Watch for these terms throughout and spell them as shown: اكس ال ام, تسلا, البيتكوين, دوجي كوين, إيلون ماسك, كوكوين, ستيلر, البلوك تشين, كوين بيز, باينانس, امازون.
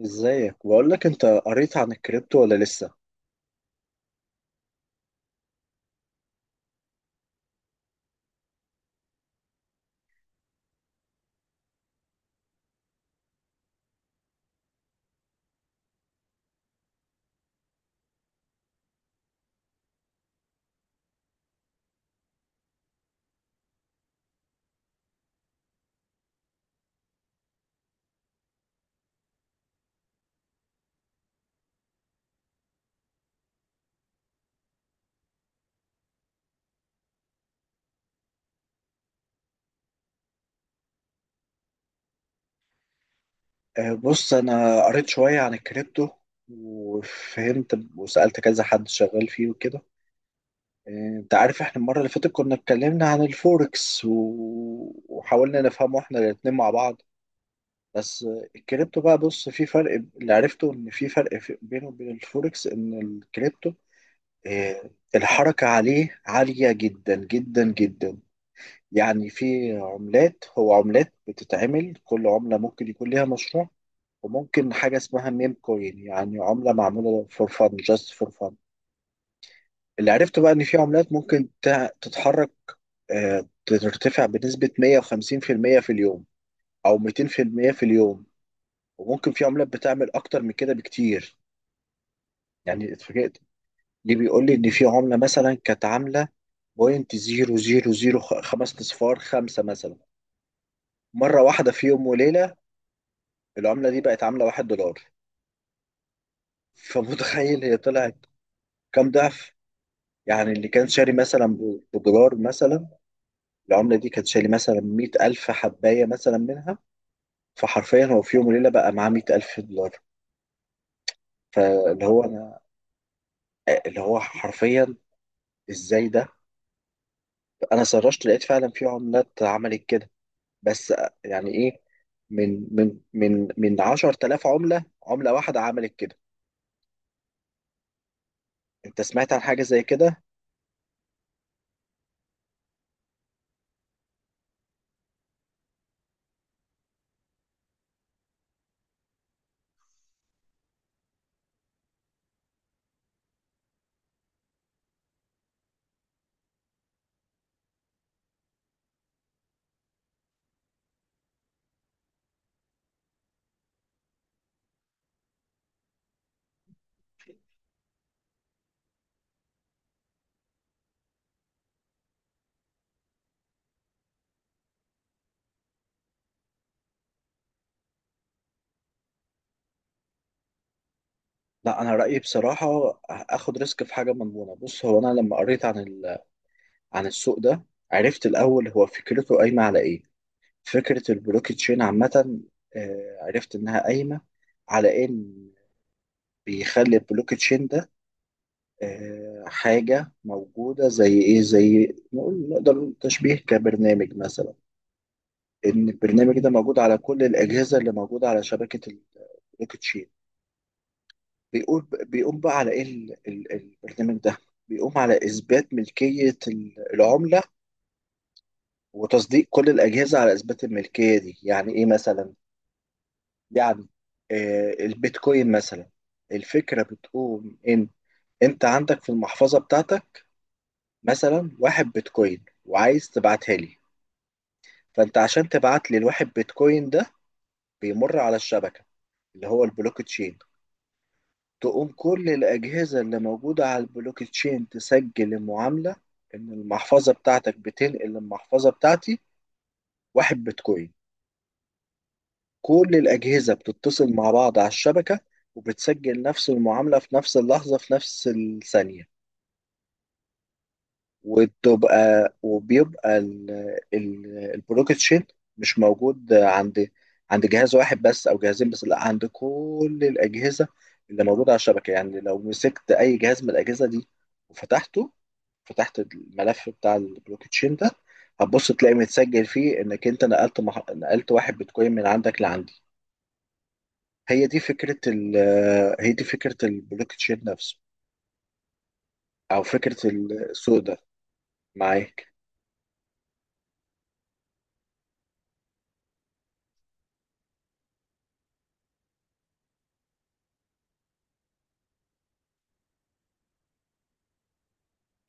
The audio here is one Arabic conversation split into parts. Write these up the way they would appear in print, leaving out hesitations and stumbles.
ازيك؟ بقول لك انت قريت عن الكريبتو ولا لسه؟ بص، انا قريت شوية عن الكريبتو وفهمت وسألت كذا حد شغال فيه وكده. أه انت عارف احنا المرة اللي فاتت كنا اتكلمنا عن الفوركس وحاولنا نفهمه احنا الاتنين مع بعض. بس الكريبتو بقى، بص في فرق. اللي عرفته ان في فرق بينه وبين الفوركس ان الكريبتو، الحركة عليه عالية جدا جدا جدا. يعني في عملات، هو عملات بتتعمل كل عملة ممكن يكون ليها مشروع، وممكن حاجة اسمها ميم كوين، يعني عملة معمولة فور فن، جاست فور فن. اللي عرفته بقى إن في عملات ممكن تتحرك، ترتفع بنسبة 150% في المية في اليوم أو 200% في المية في اليوم. وممكن في عملات بتعمل أكتر من كده بكتير. يعني اتفاجئت، ليه بيقول لي إن في عملة مثلا كانت عاملة بوينت زيرو زيرو زيرو، خمس أصفار، خمسة مثلا، مرة واحدة في يوم وليلة العملة دي بقت عاملة واحد دولار. فمتخيل هي طلعت كام ضعف؟ يعني اللي كان شاري مثلا بدولار مثلا، العملة دي كانت شاري مثلا مية ألف حباية مثلا منها، فحرفيا هو في يوم وليلة بقى معاه مية ألف دولار. فاللي هو أنا، اللي هو حرفيا، إزاي ده؟ أنا سرشت لقيت فعلا في عملات عملت كده، بس يعني إيه؟ من 10,000 عملة، عملة واحدة عملت كده. أنت سمعت عن حاجة زي كده؟ لا، انا رايي بصراحه اخد ريسك في حاجه مضمونه. بص، هو انا لما قريت عن عن السوق ده، عرفت الاول هو فكرته قايمه على ايه. فكره البلوك تشين عامه، عرفت انها قايمه على ان بيخلي البلوك تشين ده، حاجه موجوده زي ايه، زي نقول، نقدر نقول تشبيه كبرنامج مثلا. ان البرنامج ده موجود على كل الاجهزه اللي موجوده على شبكه البلوك تشين. بيقول، بيقوم بقى على ايه البرنامج ده؟ بيقوم على اثبات ملكيه العمله، وتصديق كل الاجهزه على اثبات الملكيه دي. يعني ايه مثلا؟ يعني، آه البيتكوين مثلا، الفكره بتقوم ان انت عندك في المحفظه بتاعتك مثلا واحد بيتكوين وعايز تبعتها لي. فانت عشان تبعت لي الواحد بيتكوين ده، بيمر على الشبكه اللي هو البلوك تشين، تقوم كل الأجهزة اللي موجودة على البلوك تشين تسجل المعاملة إن المحفظة بتاعتك بتنقل المحفظة بتاعتي واحد بيتكوين. كل الأجهزة بتتصل مع بعض على الشبكة وبتسجل نفس المعاملة في نفس اللحظة في نفس الثانية. وتبقى، وبيبقى البلوك تشين مش موجود عند، عند جهاز واحد بس أو جهازين بس، لا، عند كل الأجهزة اللي موجودة على الشبكة. يعني لو مسكت أي جهاز من الأجهزة دي وفتحته، فتحت الملف بتاع البلوك تشين ده، هتبص تلاقي متسجل فيه انك انت نقلت واحد بيتكوين من عندك لعندي. هي دي فكره هي دي فكره البلوك تشين نفسه، او فكره السوق ده. معاك.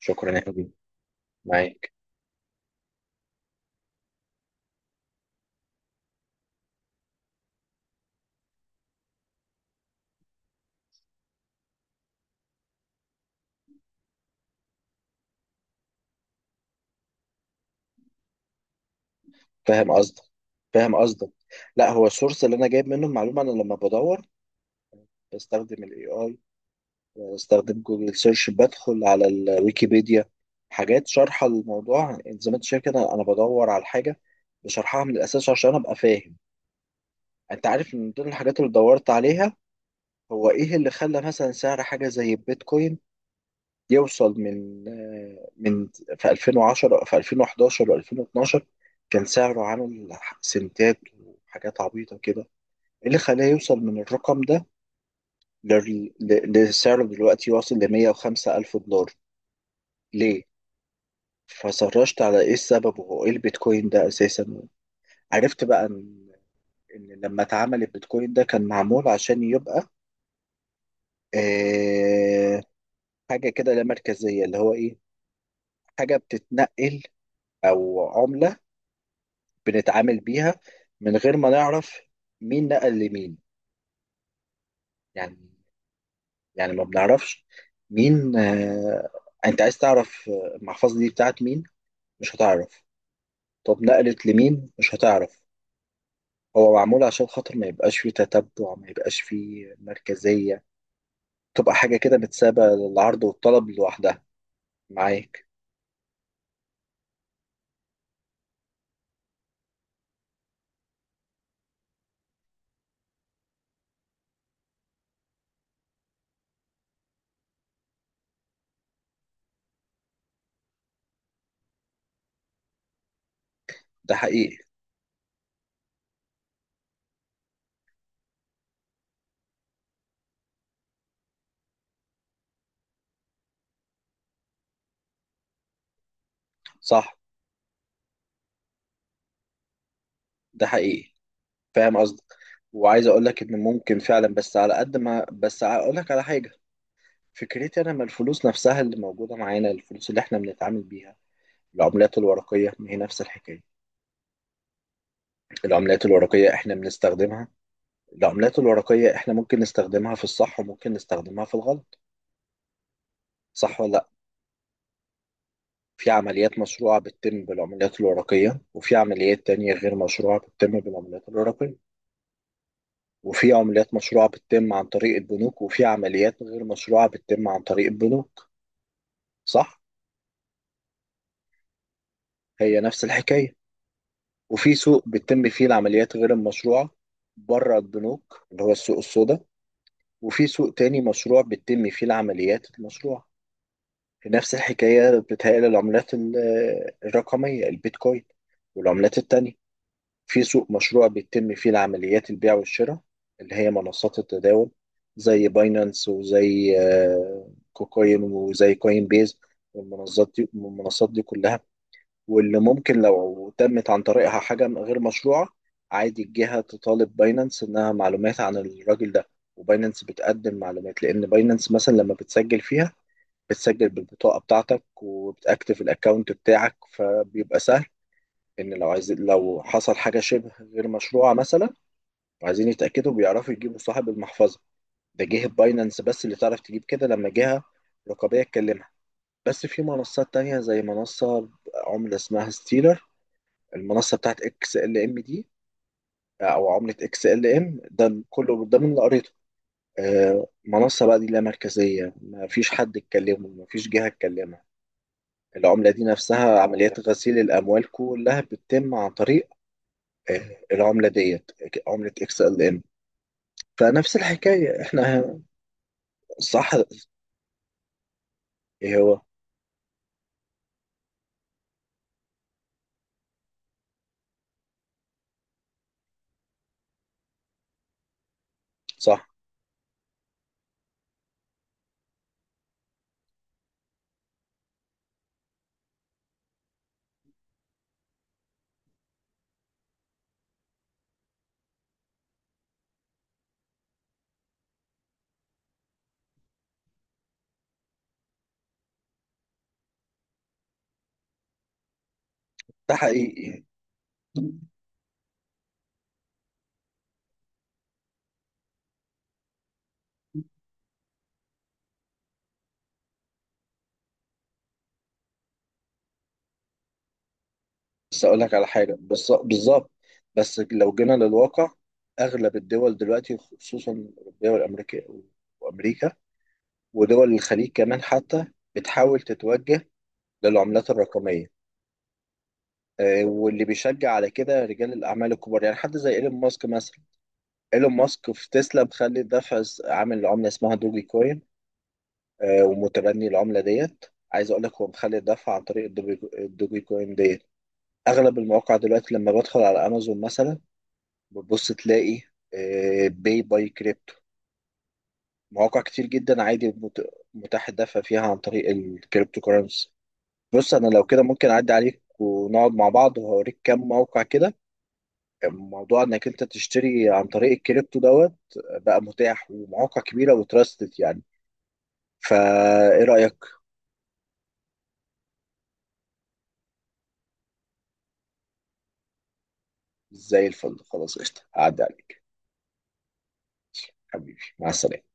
شكرا يا حبيبي. معاك. فاهم قصدك، فاهم قصدك. لا، هو السورس اللي انا جايب منه المعلومه، انا لما بدور بستخدم الاي اي، بستخدم جوجل سيرش، بدخل على الويكيبيديا، حاجات شارحة الموضوع. يعني زي ما انت شايف كده انا بدور على الحاجة بشرحها من الاساس عشان ابقى فاهم. انت عارف من ضمن الحاجات اللي دورت عليها هو ايه اللي خلى مثلا سعر حاجة زي البيتكوين يوصل من من، في 2010 في 2011 و2012 كان سعره عامل سنتات وحاجات عبيطة كده. ايه اللي خلاه يوصل من الرقم ده لسعره دلوقتي واصل ل 105 ألف دولار؟ ليه؟ فسرشت على ايه السبب وهو ايه البيتكوين ده اساسا. عرفت بقى ان، ان لما اتعمل البيتكوين ده كان معمول عشان يبقى، آه حاجه كده لا مركزيه. اللي هو ايه؟ حاجه بتتنقل، او عمله بنتعامل بيها من غير ما نعرف مين نقل لمين، يعني. يعني ما بنعرفش مين. انت عايز تعرف المحفظه دي بتاعت مين؟ مش هتعرف. طب نقلت لمين؟ مش هتعرف. هو معمول عشان خاطر ما يبقاش فيه تتبع، ما يبقاش فيه مركزية، تبقى حاجة كده متسابة للعرض والطلب لوحدها. معاك. ده حقيقي. صح، ده حقيقي، فاهم قصدك. وعايز اقول لك ان ممكن فعلا، بس على قد ما، بس اقول لك على حاجة. فكرتي انا، ما الفلوس نفسها اللي موجودة معانا، الفلوس اللي احنا بنتعامل بيها، العملات الورقية، ما هي نفس الحكاية. العملات الورقية احنا بنستخدمها، العملات الورقية احنا ممكن نستخدمها في الصح وممكن نستخدمها في الغلط، صح ولا؟ في عمليات مشروعة بتتم بالعمليات الورقية، وفي عمليات تانية غير مشروعة بتتم بالعمليات الورقية، وفي عمليات مشروعة بتتم عن طريق البنوك، وفي عمليات غير مشروعة بتتم عن طريق البنوك، صح؟ هي نفس الحكاية. وفي سوق بتتم فيه العمليات غير المشروعة بره البنوك، اللي هو السوق السوداء، وفي سوق تاني مشروع بتتم فيه العمليات المشروعة. في نفس الحكاية بتهيألي العملات الرقمية، البيتكوين والعملات التانية، في سوق مشروع بيتم فيه العمليات البيع والشراء، اللي هي منصات التداول زي باينانس، وزي كوكوين، وزي كوين بيز والمنصات دي، والمنصات دي كلها. واللي ممكن لو تمت عن طريقها حاجة غير مشروعة، عادي الجهة تطالب باينانس إنها معلومات عن الراجل ده، وباينانس بتقدم معلومات، لأن باينانس مثلا لما بتسجل فيها بتسجل بالبطاقة بتاعتك وبتأكتف الأكاونت بتاعك، فبيبقى سهل ان لو عايز، لو حصل حاجه شبه غير مشروعه مثلا وعايزين يتاكدوا بيعرفوا يجيبوا صاحب المحفظه. ده جهه باينانس بس اللي تعرف تجيب كده لما جهه رقابيه تكلمها. بس في منصات تانية زي منصه عمله اسمها ستيلر، المنصه بتاعت اكس ال ام دي، او عمله اكس ال ام، ده كله ده من اللي قريته. منصه بقى دي لا مركزيه، ما فيش حد يتكلمه، ما فيش جهه تكلمها. العمله دي نفسها عمليات غسيل الاموال كلها بتتم عن طريق، العملة ديت، عملة اكس ال ام. فنفس الحكاية احنا، صح. ايه هو؟ صح، ده حقيقي يعني. بس اقول لك على حاجة بالظبط. بس لو جينا للواقع، اغلب الدول دلوقتي خصوصا الاوروبية والامريكية، وامريكا ودول الخليج كمان حتى، بتحاول تتوجه للعملات الرقمية. واللي بيشجع على كده رجال الأعمال الكبار، يعني حد زي إيلون ماسك مثلا. إيلون ماسك في تسلا مخلي الدفع عامل عملة اسمها دوجي كوين، ومتبني العملة ديت. عايز اقول لك هو مخلي الدفع عن طريق الدوجي كوين ديت. اغلب المواقع دلوقتي لما بدخل على امازون مثلا، بتبص تلاقي، باي باي كريبتو. مواقع كتير جدا عادي متاح الدفع فيها عن طريق الكريبتو كورنسي. بص انا لو كده ممكن اعدي عليك ونقعد مع بعض وهوريك كام موقع كده، موضوع انك انت تشتري عن طريق الكريبتو دوت بقى متاح، ومواقع كبيرة وتراستد يعني. فايه رأيك؟ زي الفل، خلاص قشطة، هعدي عليك. حبيبي، مع السلامة.